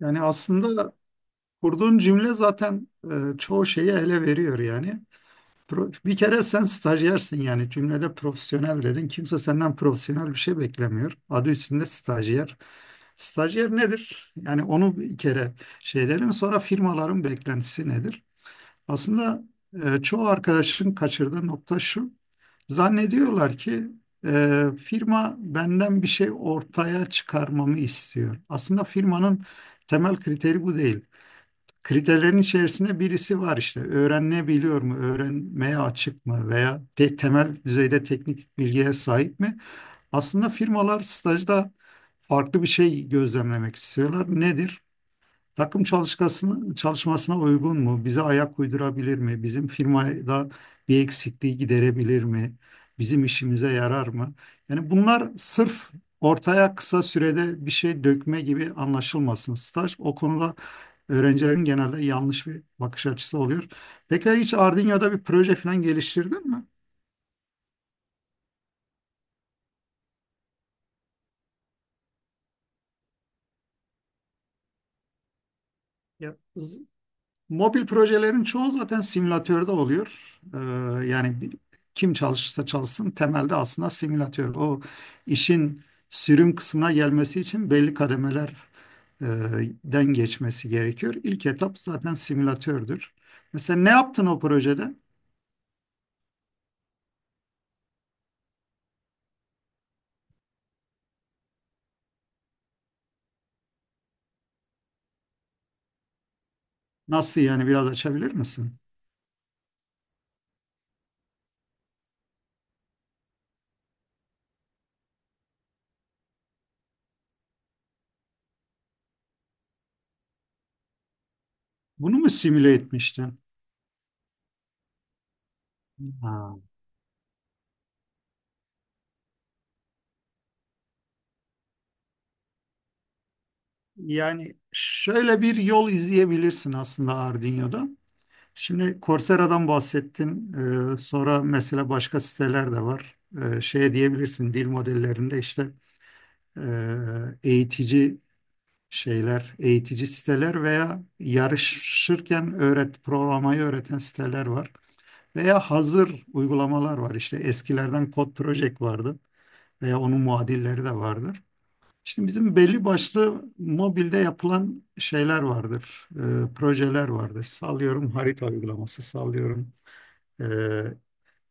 Yani aslında kurduğun cümle zaten çoğu şeyi ele veriyor yani. Bir kere sen stajyersin, yani cümlede profesyonel dedin. Kimse senden profesyonel bir şey beklemiyor. Adı üstünde stajyer. Stajyer nedir? Yani onu bir kere şey dedim. Sonra firmaların beklentisi nedir? Aslında çoğu arkadaşın kaçırdığı nokta şu. Zannediyorlar ki firma benden bir şey ortaya çıkarmamı istiyor. Aslında firmanın temel kriteri bu değil. Kriterlerin içerisinde birisi var işte. Öğrenebiliyor mu, öğrenmeye açık mı veya temel düzeyde teknik bilgiye sahip mi? Aslında firmalar stajda farklı bir şey gözlemlemek istiyorlar. Nedir? Takım çalışmasına uygun mu? Bize ayak uydurabilir mi? Bizim firmada bir eksikliği giderebilir mi? Bizim işimize yarar mı? Yani bunlar sırf ortaya kısa sürede bir şey dökme gibi anlaşılmasın staj. O konuda öğrencilerin genelde yanlış bir bakış açısı oluyor. Peki hiç Arduino'da bir proje falan geliştirdin mi? Ya, mobil projelerin çoğu zaten simülatörde oluyor. Yani kim çalışırsa çalışsın temelde aslında simülatör. O işin sürüm kısmına gelmesi için belli kademeler e, den geçmesi gerekiyor. İlk etap zaten simülatördür. Mesela ne yaptın o projede? Nasıl yani, biraz açabilir misin? Bunu mu simüle etmiştin? Ha. Yani şöyle bir yol izleyebilirsin aslında Arduino'da. Şimdi Coursera'dan bahsettin. Sonra mesela başka siteler de var. Şeye diyebilirsin dil modellerinde işte eğitici şeyler, eğitici siteler veya yarışırken öğret programayı öğreten siteler var. Veya hazır uygulamalar var. İşte eskilerden Code Project vardı veya onun muadilleri de vardır. Şimdi bizim belli başlı mobilde yapılan şeyler vardır, projeler vardır. Sallıyorum harita uygulaması, sallıyorum e,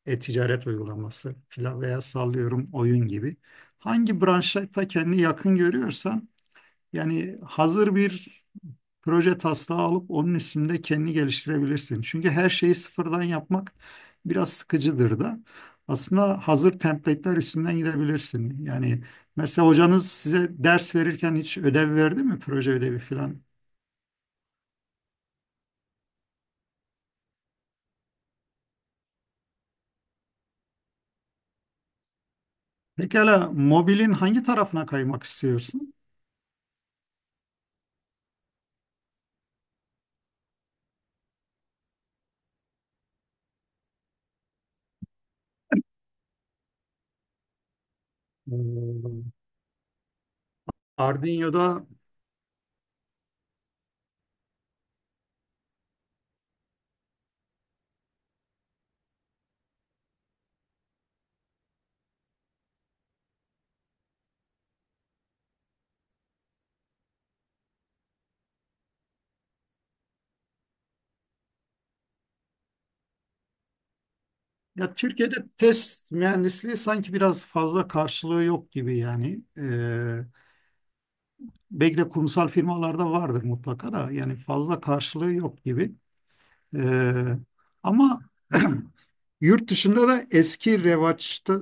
e-ticaret uygulaması filan veya sallıyorum oyun gibi. Hangi branşta kendini yakın görüyorsan yani hazır bir proje taslağı alıp onun üstünde kendini geliştirebilirsin. Çünkü her şeyi sıfırdan yapmak biraz sıkıcıdır da. Aslında hazır template'ler üstünden gidebilirsin. Yani mesela hocanız size ders verirken hiç ödev verdi mi? Proje ödevi filan. Pekala mobilin hangi tarafına kaymak istiyorsun? Hmm. Arduino'da Ya, Türkiye'de test mühendisliği sanki biraz fazla karşılığı yok gibi yani. Belki de kurumsal firmalarda vardır mutlaka da, yani fazla karşılığı yok gibi. Ee, ama yurt dışında da eski revaçta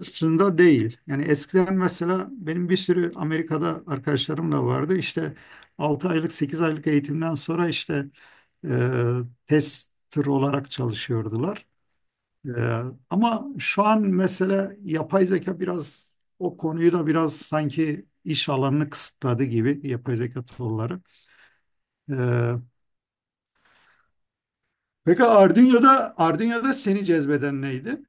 değil. Yani eskiden mesela benim bir sürü Amerika'da arkadaşlarım da vardı. İşte 6 aylık 8 aylık eğitimden sonra işte e, tester olarak çalışıyordular. Ee, ama şu an mesele yapay zeka biraz o konuyu da biraz sanki iş alanını kısıtladı gibi, yapay zeka tool'ları. Ee, peki Arduino'da seni cezbeden neydi?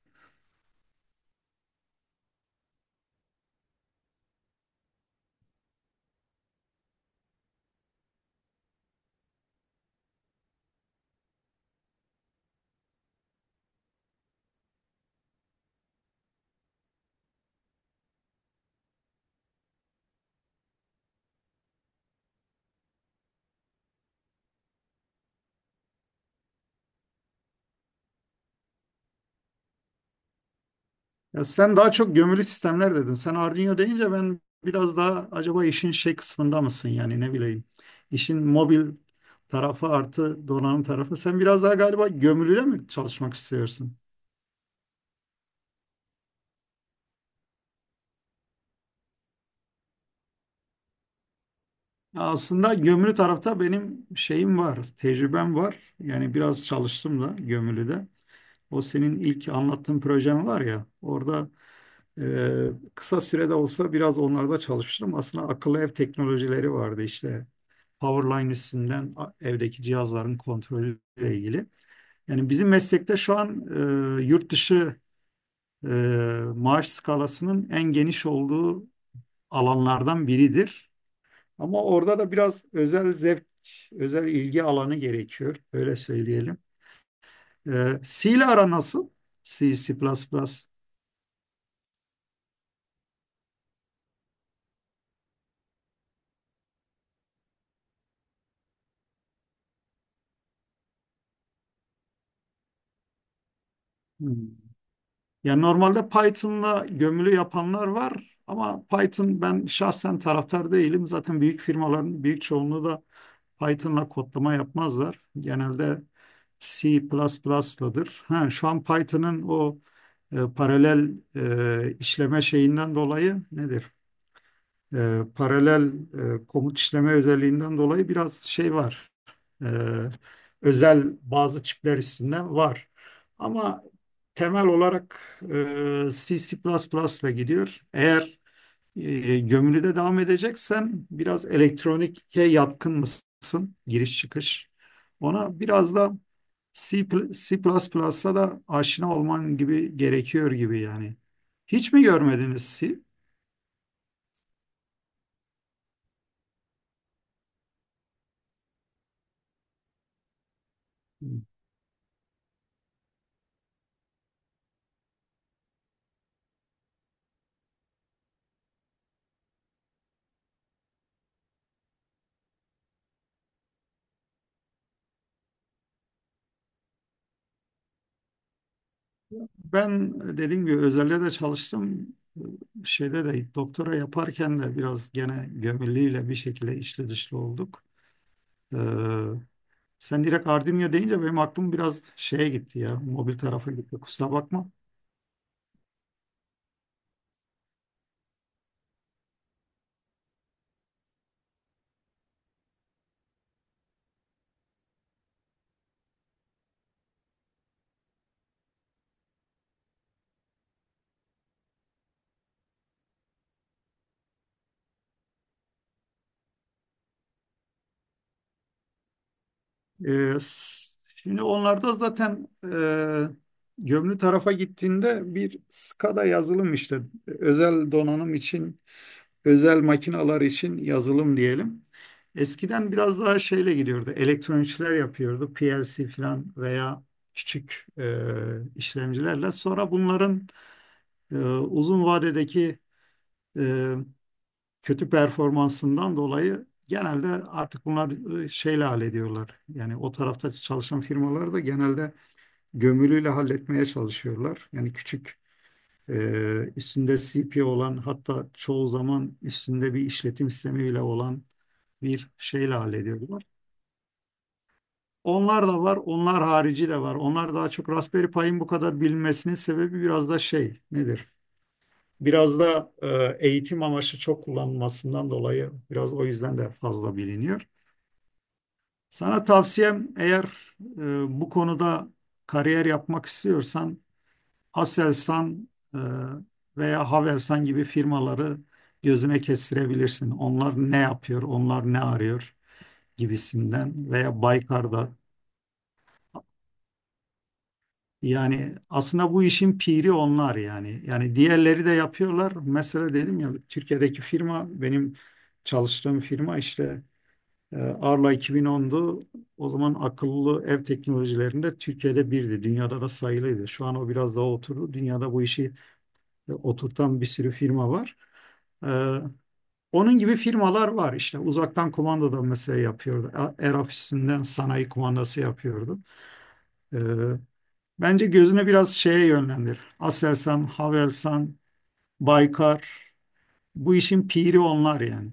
Ya, sen daha çok gömülü sistemler dedin. Sen Arduino deyince ben biraz daha acaba işin şey kısmında mısın yani, ne bileyim. İşin mobil tarafı artı donanım tarafı. Sen biraz daha galiba gömülüde mi çalışmak istiyorsun? Ya, aslında gömülü tarafta benim şeyim var, tecrübem var. Yani biraz çalıştım da gömülüde. O senin ilk anlattığın projem var ya, orada kısa sürede olsa biraz onlarda çalıştım. Aslında akıllı ev teknolojileri vardı işte. Powerline üstünden evdeki cihazların kontrolüyle ilgili. Yani bizim meslekte şu an yurt dışı e, maaş skalasının en geniş olduğu alanlardan biridir. Ama orada da biraz özel zevk, özel ilgi alanı gerekiyor. Öyle söyleyelim. C ile ara nasıl? C, C++. Hmm. Ya, normalde Python'la gömülü yapanlar var ama Python ben şahsen taraftar değilim. Zaten büyük firmaların büyük çoğunluğu da Python'la kodlama yapmazlar. Genelde C++'ladır. Ha, şu an Python'ın o paralel işleme şeyinden dolayı nedir? Paralel komut işleme özelliğinden dolayı biraz şey var. E, özel bazı çipler üstünden var. Ama temel olarak C++ ile gidiyor. Eğer gömülüde devam edeceksen biraz elektronike yatkın mısın? Giriş çıkış. Ona biraz da C, C++'a da aşina olman gibi gerekiyor gibi yani. Hiç mi görmediniz C? Ben dediğim gibi özelde de çalıştım. Şeyde de doktora yaparken de biraz gene gömülüyle bir şekilde içli dışlı olduk. Ee, sen direkt Ardinya deyince benim aklım biraz şeye gitti ya. Mobil tarafa gitti, kusura bakma. Şimdi onlarda zaten gömülü tarafa gittiğinde bir SCADA yazılım işte, özel donanım için özel makineler için yazılım diyelim. Eskiden biraz daha şeyle gidiyordu. Elektronikçiler yapıyordu. PLC falan veya küçük işlemcilerle. Sonra bunların uzun vadedeki e, kötü performansından dolayı genelde artık bunlar şeyle hallediyorlar. Yani o tarafta çalışan firmalar da genelde gömülüyle halletmeye çalışıyorlar. Yani küçük e, üstünde CPU olan, hatta çoğu zaman üstünde bir işletim sistemi bile olan bir şeyle hallediyorlar. Onlar da var, onlar harici de var. Onlar daha çok Raspberry Pi'nin bu kadar bilinmesinin sebebi biraz da şey nedir? Biraz da eğitim amaçlı çok kullanılmasından dolayı biraz o yüzden de fazla biliniyor. Sana tavsiyem, eğer bu konuda kariyer yapmak istiyorsan Aselsan e, veya Havelsan gibi firmaları gözüne kestirebilirsin. Onlar ne yapıyor, onlar ne arıyor gibisinden, veya Baykar'da. Yani aslında bu işin piri onlar yani. Yani diğerleri de yapıyorlar. Mesela dedim ya, Türkiye'deki firma, benim çalıştığım firma işte Arla 2010'du. O zaman akıllı ev teknolojilerinde Türkiye'de birdi. Dünyada da sayılıydı. Şu an o biraz daha oturdu. Dünyada bu işi oturtan bir sürü firma var. E, Onun gibi firmalar var işte. Uzaktan kumanda da mesela yapıyordu. Air ofisinden sanayi kumandası yapıyordu. E, Bence gözüne biraz şeye yönlendir. Aselsan, Havelsan, Baykar. Bu işin piri onlar yani.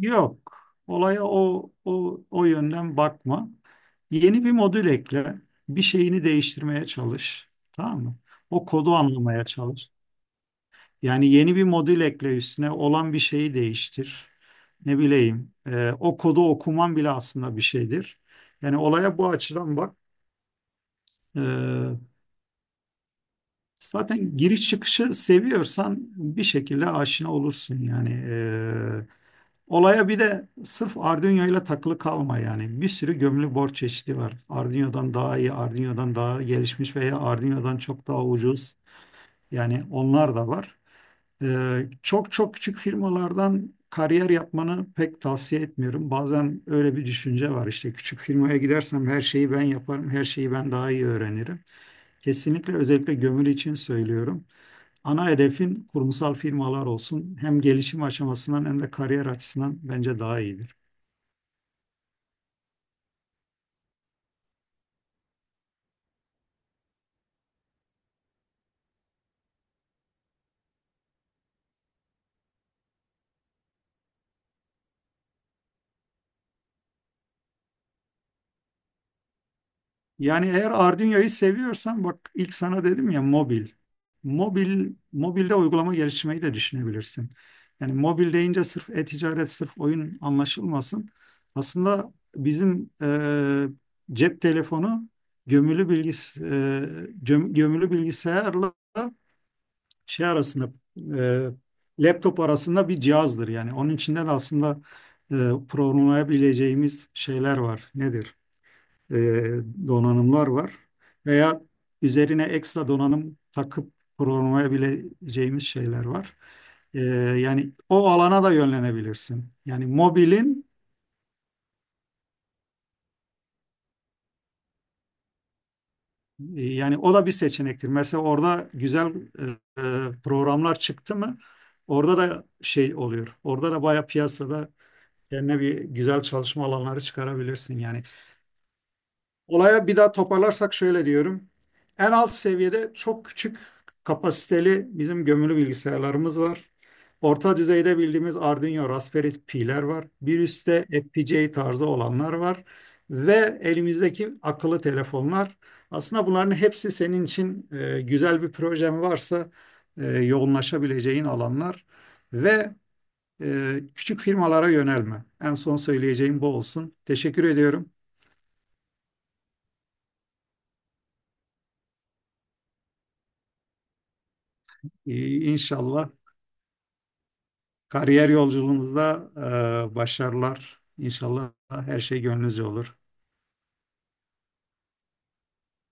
Yok. Olaya o yönden bakma. Yeni bir modül ekle. Bir şeyini değiştirmeye çalış. Tamam mı? O kodu anlamaya çalış. Yani yeni bir modül ekle, üstüne olan bir şeyi değiştir. Ne bileyim, o kodu okuman bile aslında bir şeydir. Yani olaya bu açıdan bak. E, Zaten giriş çıkışı seviyorsan bir şekilde aşina olursun yani. Olaya bir de sırf Arduino ile takılı kalma yani. Bir sürü gömülü board çeşidi var. Arduino'dan daha iyi, Arduino'dan daha gelişmiş veya Arduino'dan çok daha ucuz. Yani onlar da var. Çok çok küçük firmalardan kariyer yapmanı pek tavsiye etmiyorum. Bazen öyle bir düşünce var işte, küçük firmaya gidersem her şeyi ben yaparım, her şeyi ben daha iyi öğrenirim. Kesinlikle özellikle gömülü için söylüyorum. Ana hedefin kurumsal firmalar olsun. Hem gelişim aşamasından hem de kariyer açısından bence daha iyidir. Yani eğer Arduino'yu seviyorsan bak, ilk sana dedim ya, mobil. Mobil, mobilde uygulama geliştirmeyi de düşünebilirsin. Yani mobil deyince sırf e-ticaret, sırf oyun anlaşılmasın. Aslında bizim cep telefonu gömülü bilgis e, gömülü bilgisayarla şey arasında, e, laptop arasında bir cihazdır yani. Onun içinden aslında e, programlayabileceğimiz şeyler var. Nedir? e, Donanımlar var. Veya üzerine ekstra donanım takıp programlayabileceğimiz şeyler var. E, yani o alana da yönlenebilirsin. Yani mobilin yani o da bir seçenektir. Mesela orada güzel programlar çıktı mı orada da şey oluyor. Orada da bayağı piyasada kendine bir güzel çalışma alanları çıkarabilirsin. Yani olaya bir daha toparlarsak şöyle diyorum. En alt seviyede çok küçük kapasiteli bizim gömülü bilgisayarlarımız var. Orta düzeyde bildiğimiz Arduino, Raspberry Pi'ler var. Bir üstte FPGA tarzı olanlar var. Ve elimizdeki akıllı telefonlar. Aslında bunların hepsi senin için, güzel bir projen varsa yoğunlaşabileceğin alanlar. Ve küçük firmalara yönelme. En son söyleyeceğim bu olsun. Teşekkür ediyorum. İnşallah kariyer yolculuğunuzda başarılar. İnşallah her şey gönlünüzce olur.